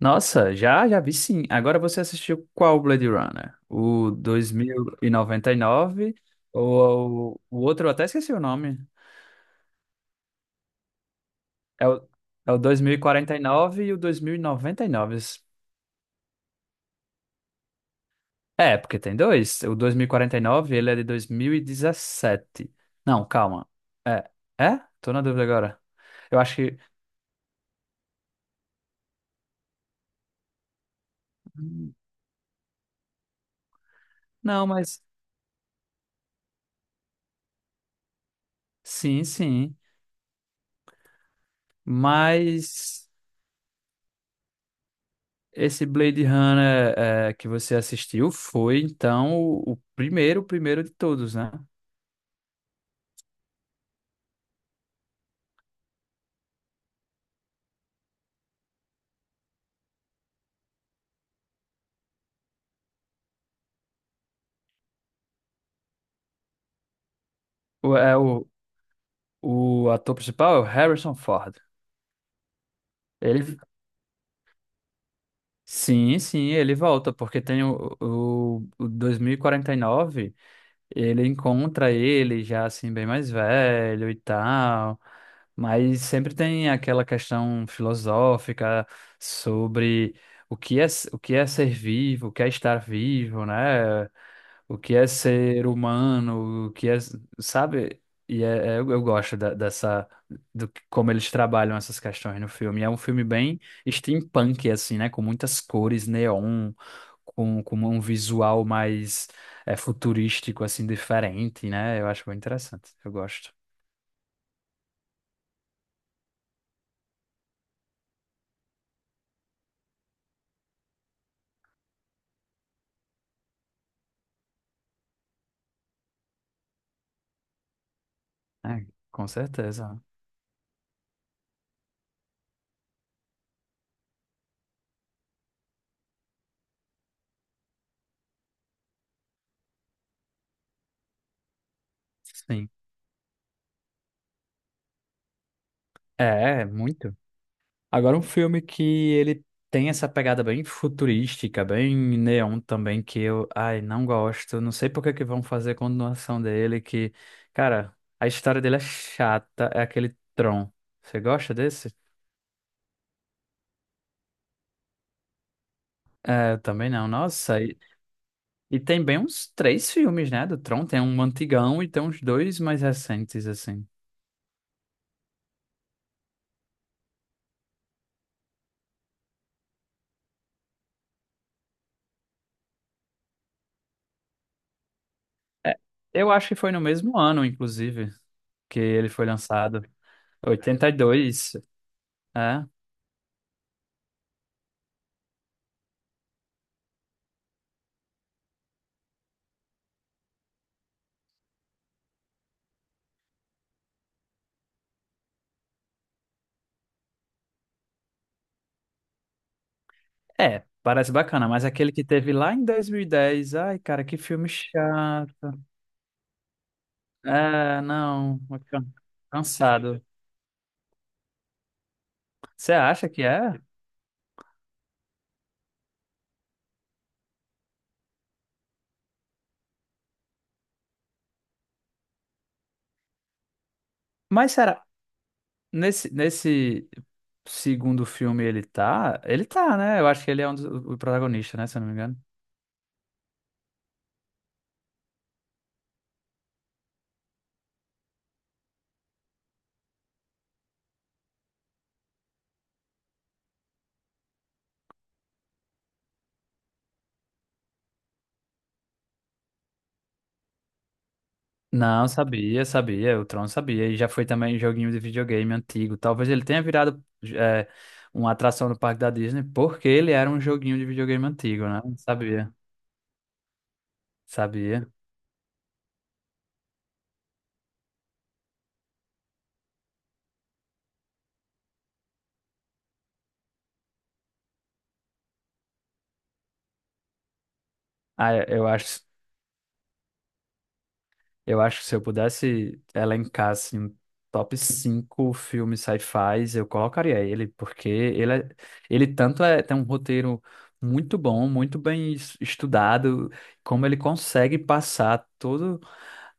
Nossa, já vi sim. Agora você assistiu qual Blade Runner? O dois mil e noventa e nove ou o outro, eu até esqueci o nome. É o, é o dois mil e quarenta e nove e o dois mil e noventa e nove? É, porque tem dois. O dois mil e quarenta e nove ele é de 2017. Não, calma. É, é? Tô na dúvida agora. Eu acho que... Não, mas... Sim, sim. Mas... Esse Blade Runner é, que você assistiu foi, então, o primeiro, o primeiro de todos, né? O, é, o, o ator principal é o Harrison Ford. Ele, sim, sim, ele volta, porque tem o 2049. Ele encontra ele já assim bem mais velho e tal, mas sempre tem aquela questão filosófica sobre o que é o que é ser vivo, o que é estar vivo, né? O que é ser humano, o que é, sabe? E eu gosto dessa como eles trabalham essas questões no filme. É um filme bem steampunk assim, né? Com muitas cores neon, com um visual mais futurístico, assim, diferente, né? Eu acho bem interessante. Eu gosto. É, com certeza. Sim. É, muito. Agora, um filme que ele tem essa pegada bem futurística, bem neon também, que eu, ai, não gosto. Não sei por que que vão fazer continuação dele, que, cara, a história dele é chata, é aquele Tron. Você gosta desse? É, eu também não. Nossa, e tem bem uns três filmes, né, do Tron. Tem um antigão e tem uns dois mais recentes, assim. É, eu acho que foi no mesmo ano, inclusive, que ele foi lançado. 82. É, parece bacana, mas aquele que teve lá em 2010. Ai, cara, que filme chato. É, não, can- cansado. Você acha que é? Mas será, nesse segundo filme ele tá? Ele tá, né? Eu acho que ele é um dos, o protagonista, né? Se eu não me engano. Não, sabia, sabia, o Tron sabia, e já foi também joguinho de videogame antigo. Talvez ele tenha virado é, uma atração no parque da Disney, porque ele era um joguinho de videogame antigo, né? Sabia, sabia. Ah, eu acho, eu acho que se eu pudesse elencar assim, um top 5 filmes sci-fi, eu colocaria ele, porque ele, ele tanto é, tem um roteiro muito bom, muito bem estudado, como ele consegue passar todo.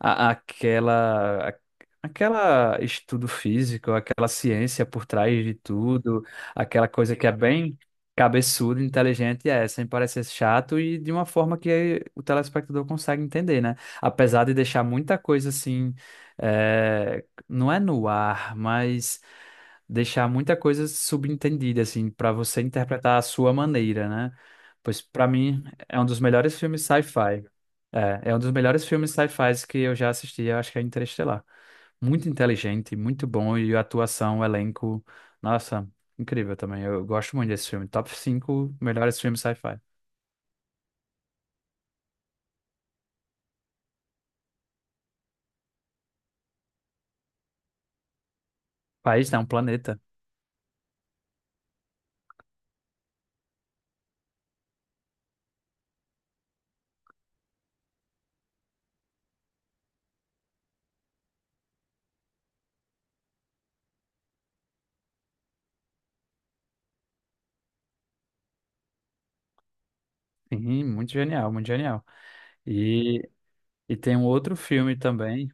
Aquela aquela estudo físico, aquela ciência por trás de tudo, aquela coisa que é bem cabeçuda, inteligente, é, sem parecer chato e de uma forma que o telespectador consegue entender, né? Apesar de deixar muita coisa assim, é, não é no ar, mas deixar muita coisa subentendida assim para você interpretar a sua maneira, né? Pois para mim é um dos melhores filmes sci-fi. É um dos melhores filmes sci-fi que eu já assisti, eu acho que é Interestelar. Muito inteligente, muito bom, e a atuação, o elenco, nossa, incrível também. Eu gosto muito desse filme. Top 5 melhores filmes sci-fi. País, não, planeta. Sim, muito genial, muito genial. E, e tem um outro filme também.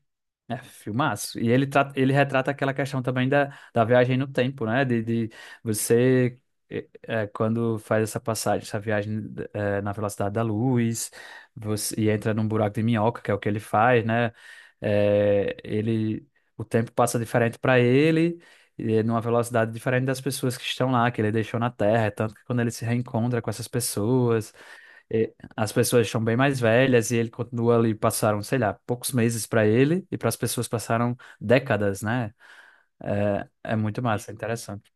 É, filmaço. E ele, ele retrata aquela questão também da viagem no tempo, né? De você, quando faz essa passagem, essa viagem na velocidade da luz, você, e entra num buraco de minhoca, que é o que ele faz, né? Ele, o tempo passa diferente para ele, e é numa velocidade diferente das pessoas que estão lá, que ele deixou na Terra. É tanto que quando ele se reencontra com essas pessoas. E as pessoas estão bem mais velhas e ele continua ali, passaram, sei lá, poucos meses para ele e para as pessoas passaram décadas, né? É, é muito massa, é interessante.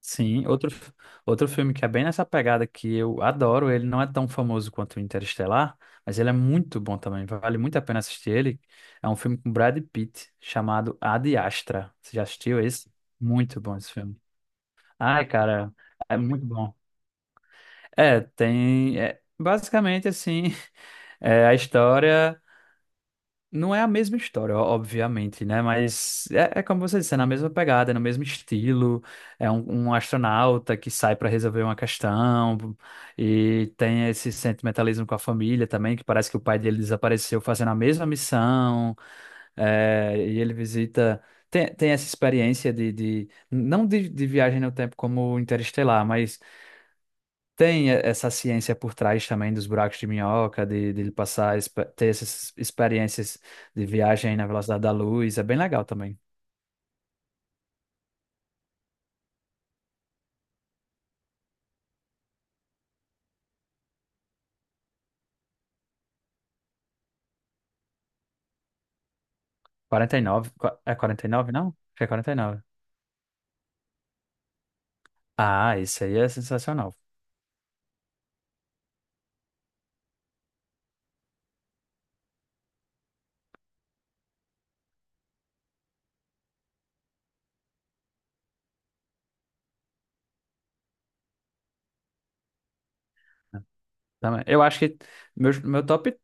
Sim, outro, outro filme que é bem nessa pegada que eu adoro, ele não é tão famoso quanto o Interestelar, mas ele é muito bom também, vale muito a pena assistir ele. É um filme com Brad Pitt chamado Ad Astra. Você já assistiu esse? Muito bom esse filme. Ai, cara, é muito bom. É, tem. É, basicamente, assim, é, a história não é a mesma história, ó, obviamente, né? Mas é como você disse, é na mesma pegada, é no mesmo estilo. É um astronauta que sai para resolver uma questão e tem esse sentimentalismo com a família também, que parece que o pai dele desapareceu fazendo a mesma missão. É, e ele visita. Tem essa experiência de não de viagem no tempo como Interestelar, mas tem essa ciência por trás também dos buracos de minhoca, de ele passar, ter essas experiências de viagem na velocidade da luz, é bem legal também. 49, é 49, não? Acho que é 49. Ah, isso aí é sensacional. Também. Eu acho que meu top,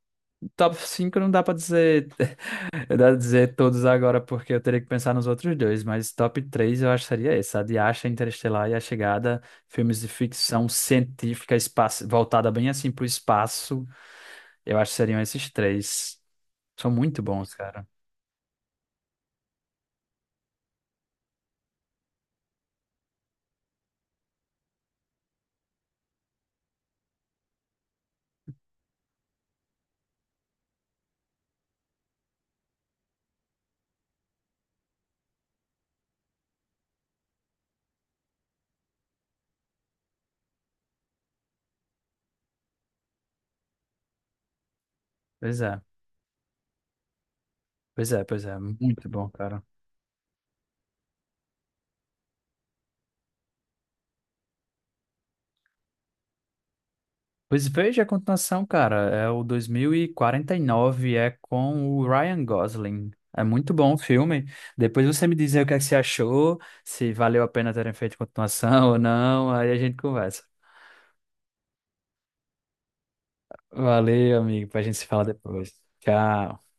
top 5 não dá pra dizer, dá pra dizer todos agora, porque eu teria que pensar nos outros dois, mas top 3 eu acho que seria esse, a de Asha, Interestelar e A Chegada, filmes de ficção científica, espaço, voltada bem assim pro espaço. Eu acho que seriam esses três. São muito bons, cara. Pois é, pois é, pois é. Muito bom, cara. Pois veja a continuação, cara. É o dois mil e quarenta e nove é com o Ryan Gosling. É muito bom o filme. Depois você me diz aí o que é que você achou, se valeu a pena terem feito continuação ou não. Aí a gente conversa. Valeu, amigo. Pra gente se falar depois. Tchau.